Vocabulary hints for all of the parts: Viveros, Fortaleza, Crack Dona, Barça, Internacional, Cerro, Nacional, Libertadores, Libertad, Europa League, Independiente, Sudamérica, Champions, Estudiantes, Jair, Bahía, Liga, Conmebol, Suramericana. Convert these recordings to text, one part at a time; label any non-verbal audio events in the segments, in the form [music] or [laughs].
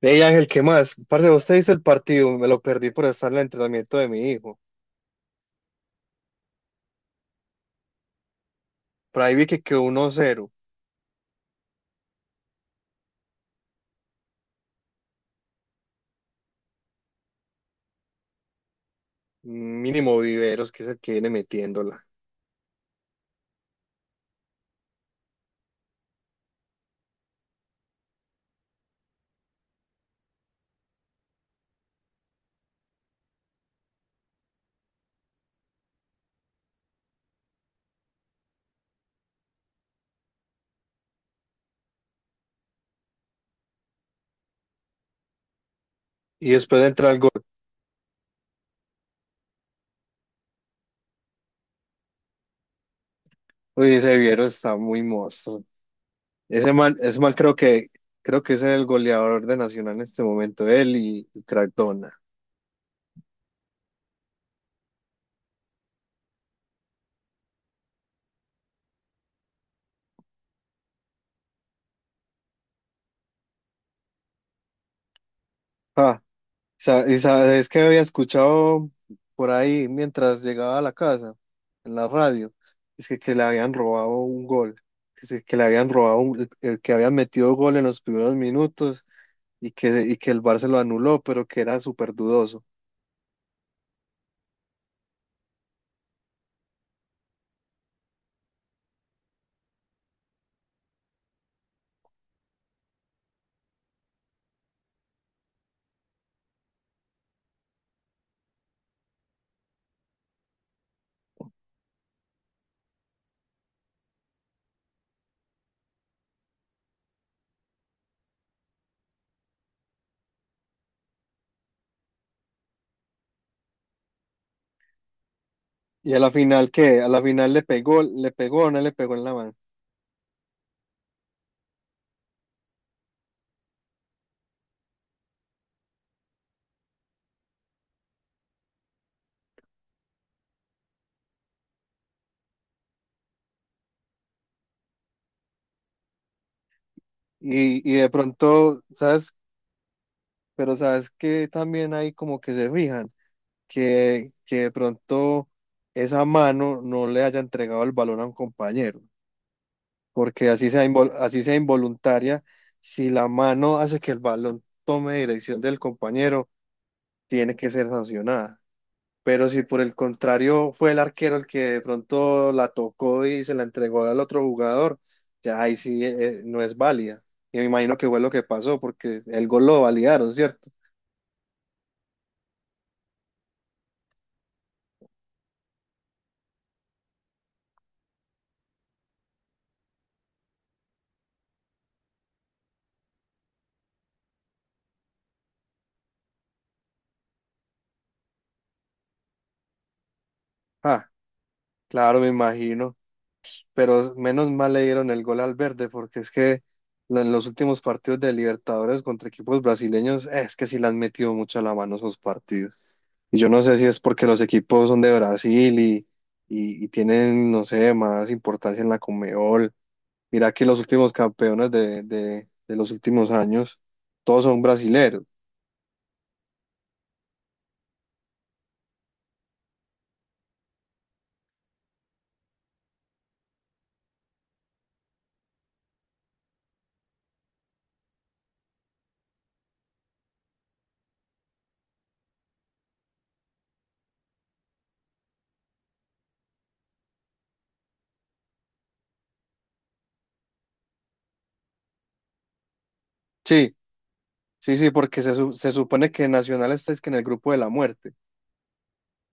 Hey Ángel, ¿qué más? Parce, vos te viste el partido, me lo perdí por estar en el entrenamiento de mi hijo. Por ahí vi que quedó 1-0, mínimo Viveros, que es el que viene metiéndola. Y después de entrar el gol, uy, ese Viveros está muy monstruo. Ese mal creo que es el goleador de Nacional en este momento, él y Crack Dona. Y sabes que había escuchado por ahí mientras llegaba a la casa, en la radio, que le habían robado un gol, que le habían robado el que habían metido gol en los primeros minutos y que el Barça lo anuló, pero que era súper dudoso. Y a la final, ¿qué? A la final le pegó o no le pegó en la mano. Y de pronto, ¿sabes? Pero sabes que también ahí como que se fijan, que de pronto esa mano no le haya entregado el balón a un compañero, porque así sea, así sea involuntaria, si la mano hace que el balón tome dirección del compañero, tiene que ser sancionada. Pero si por el contrario fue el arquero el que de pronto la tocó y se la entregó al otro jugador, ya ahí sí no es válida. Y me imagino que fue lo que pasó, porque el gol lo validaron, ¿cierto? Ah, claro, me imagino. Pero menos mal le dieron el gol al verde, porque es que en los últimos partidos de Libertadores contra equipos brasileños, es que sí le han metido mucho a la mano esos partidos. Y yo no sé si es porque los equipos son de Brasil y tienen, no sé, más importancia en la Conmebol. Mira que los últimos campeones de los últimos años, todos son brasileros. Sí, sí, sí, porque se supone que Nacional está es que en el grupo de la muerte.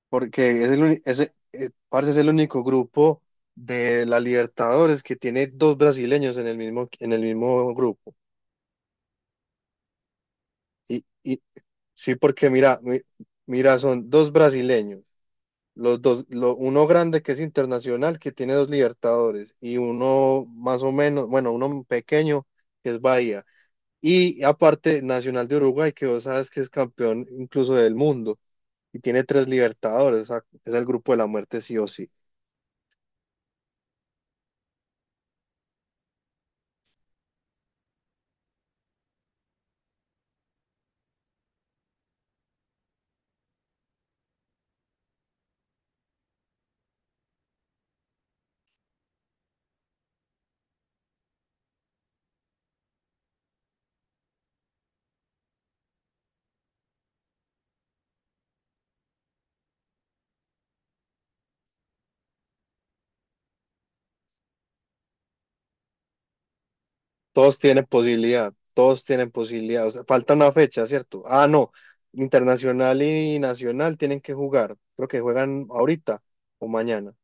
Porque es parce, es el único grupo de la Libertadores que tiene dos brasileños en el mismo grupo. Y sí, porque mira, son dos brasileños, uno grande que es internacional, que tiene dos Libertadores, y uno más o menos, bueno, uno pequeño que es Bahía. Y aparte, Nacional de Uruguay, que vos sabes que es campeón incluso del mundo, y tiene tres Libertadores, o sea, es el grupo de la muerte sí o sí. Todos tienen posibilidad, todos tienen posibilidad. O sea, falta una fecha, ¿cierto? Ah, no. Internacional y nacional tienen que jugar. Creo que juegan ahorita o mañana.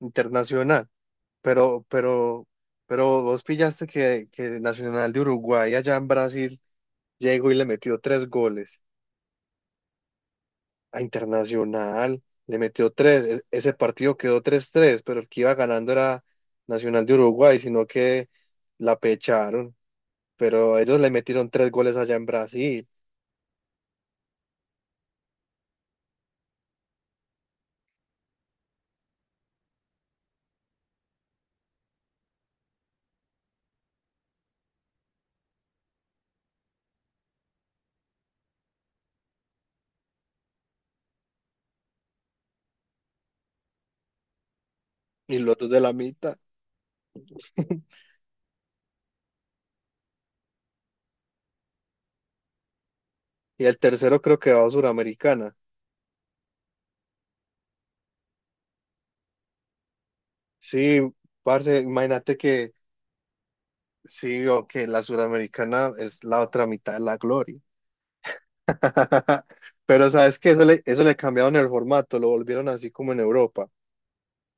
Internacional. Pero, pero, pero vos pillaste que Nacional de Uruguay allá en Brasil llegó y le metió tres goles. A Internacional le metió tres. Ese partido quedó tres tres, pero el que iba ganando era Nacional de Uruguay, sino que la pecharon. Pero ellos le metieron tres goles allá en Brasil y los dos de la mitad. [laughs] Y el tercero creo que va a Suramericana. Sí, parce, imagínate que sí, o que la Suramericana es la otra mitad de la gloria. [laughs] Pero sabes que eso le cambiaron el formato, lo volvieron así como en Europa.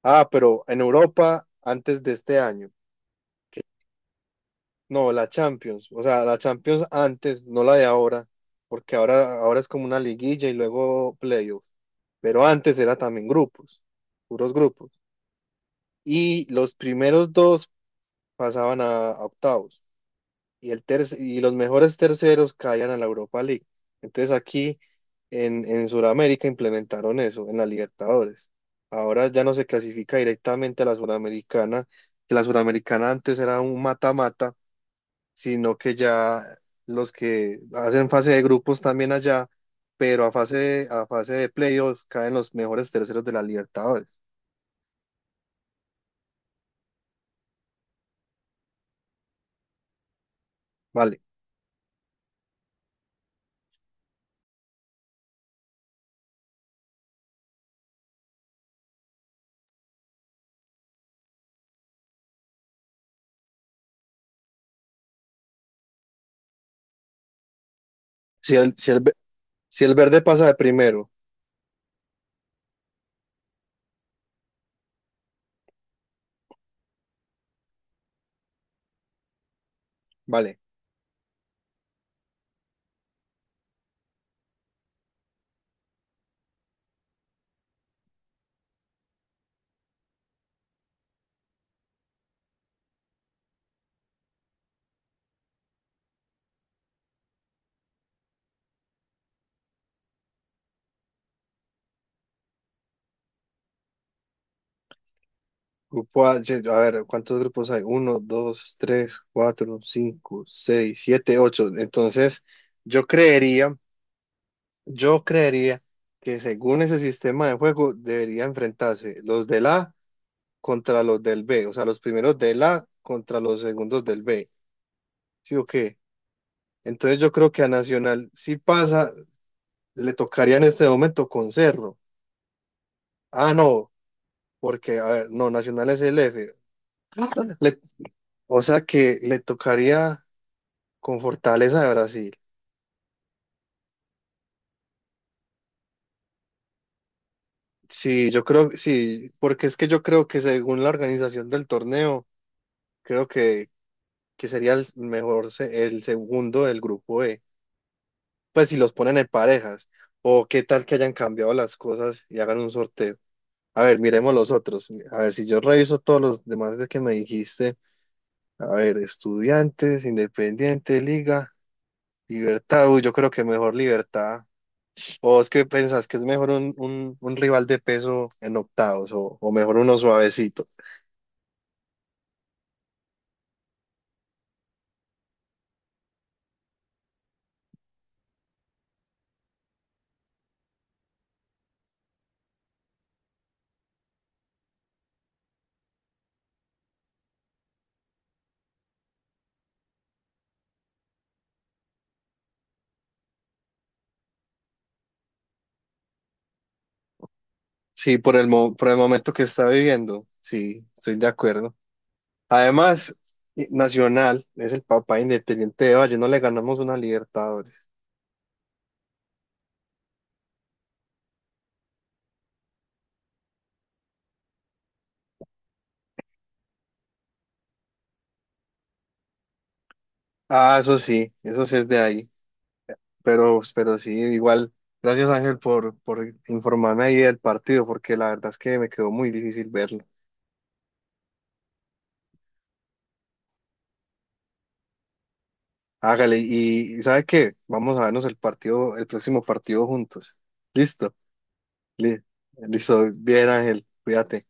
Ah, pero en Europa antes de este año. No, la Champions, o sea, la Champions antes, no la de ahora, porque ahora es como una liguilla y luego playoff. Pero antes era también grupos, puros grupos. Y los primeros dos pasaban a octavos y, y los mejores terceros caían a la Europa League. Entonces aquí en Sudamérica implementaron eso, en la Libertadores. Ahora ya no se clasifica directamente a la Suramericana, que la Suramericana antes era un mata-mata, sino que ya los que hacen fase de grupos también allá, pero a a fase de playoff caen los mejores terceros de la Libertadores. Vale. Si el, si el, ve- si el verde pasa de primero, vale. Grupo A, a ver, ¿cuántos grupos hay? Uno, dos, tres, cuatro, cinco, seis, siete, ocho. Entonces, yo creería, yo creería que según ese sistema de juego debería enfrentarse los del A contra los del B, o sea, los primeros del A contra los segundos del B. ¿Sí o qué? Entonces yo creo que a Nacional, si pasa, le tocaría en este momento con Cerro. Ah, no, porque, a ver, no, Nacional es el F. Ah, bueno. O sea que le tocaría con Fortaleza de Brasil. Sí, yo creo, sí, porque es que yo creo que según la organización del torneo, creo que, que sería el segundo del grupo E. Pues si los ponen en parejas, o qué tal que hayan cambiado las cosas y hagan un sorteo. A ver, miremos los otros. A ver, si yo reviso todos los demás de que me dijiste, a ver, Estudiantes, Independiente, Liga, Libertad, uy, yo creo que mejor Libertad. ¿O es que pensás que es mejor un rival de peso en octavos o mejor uno suavecito? Sí, por por el momento que está viviendo. Sí, estoy de acuerdo. Además, Nacional es el papá de independiente de Valle. No le ganamos una Libertadores. Ah, eso sí es de ahí. Igual. Gracias Ángel por informarme ahí del partido, porque la verdad es que me quedó muy difícil verlo. Hágale, y ¿sabe qué? Vamos a vernos el partido, el próximo partido juntos. ¿Listo? Li- Listo, bien Ángel, cuídate.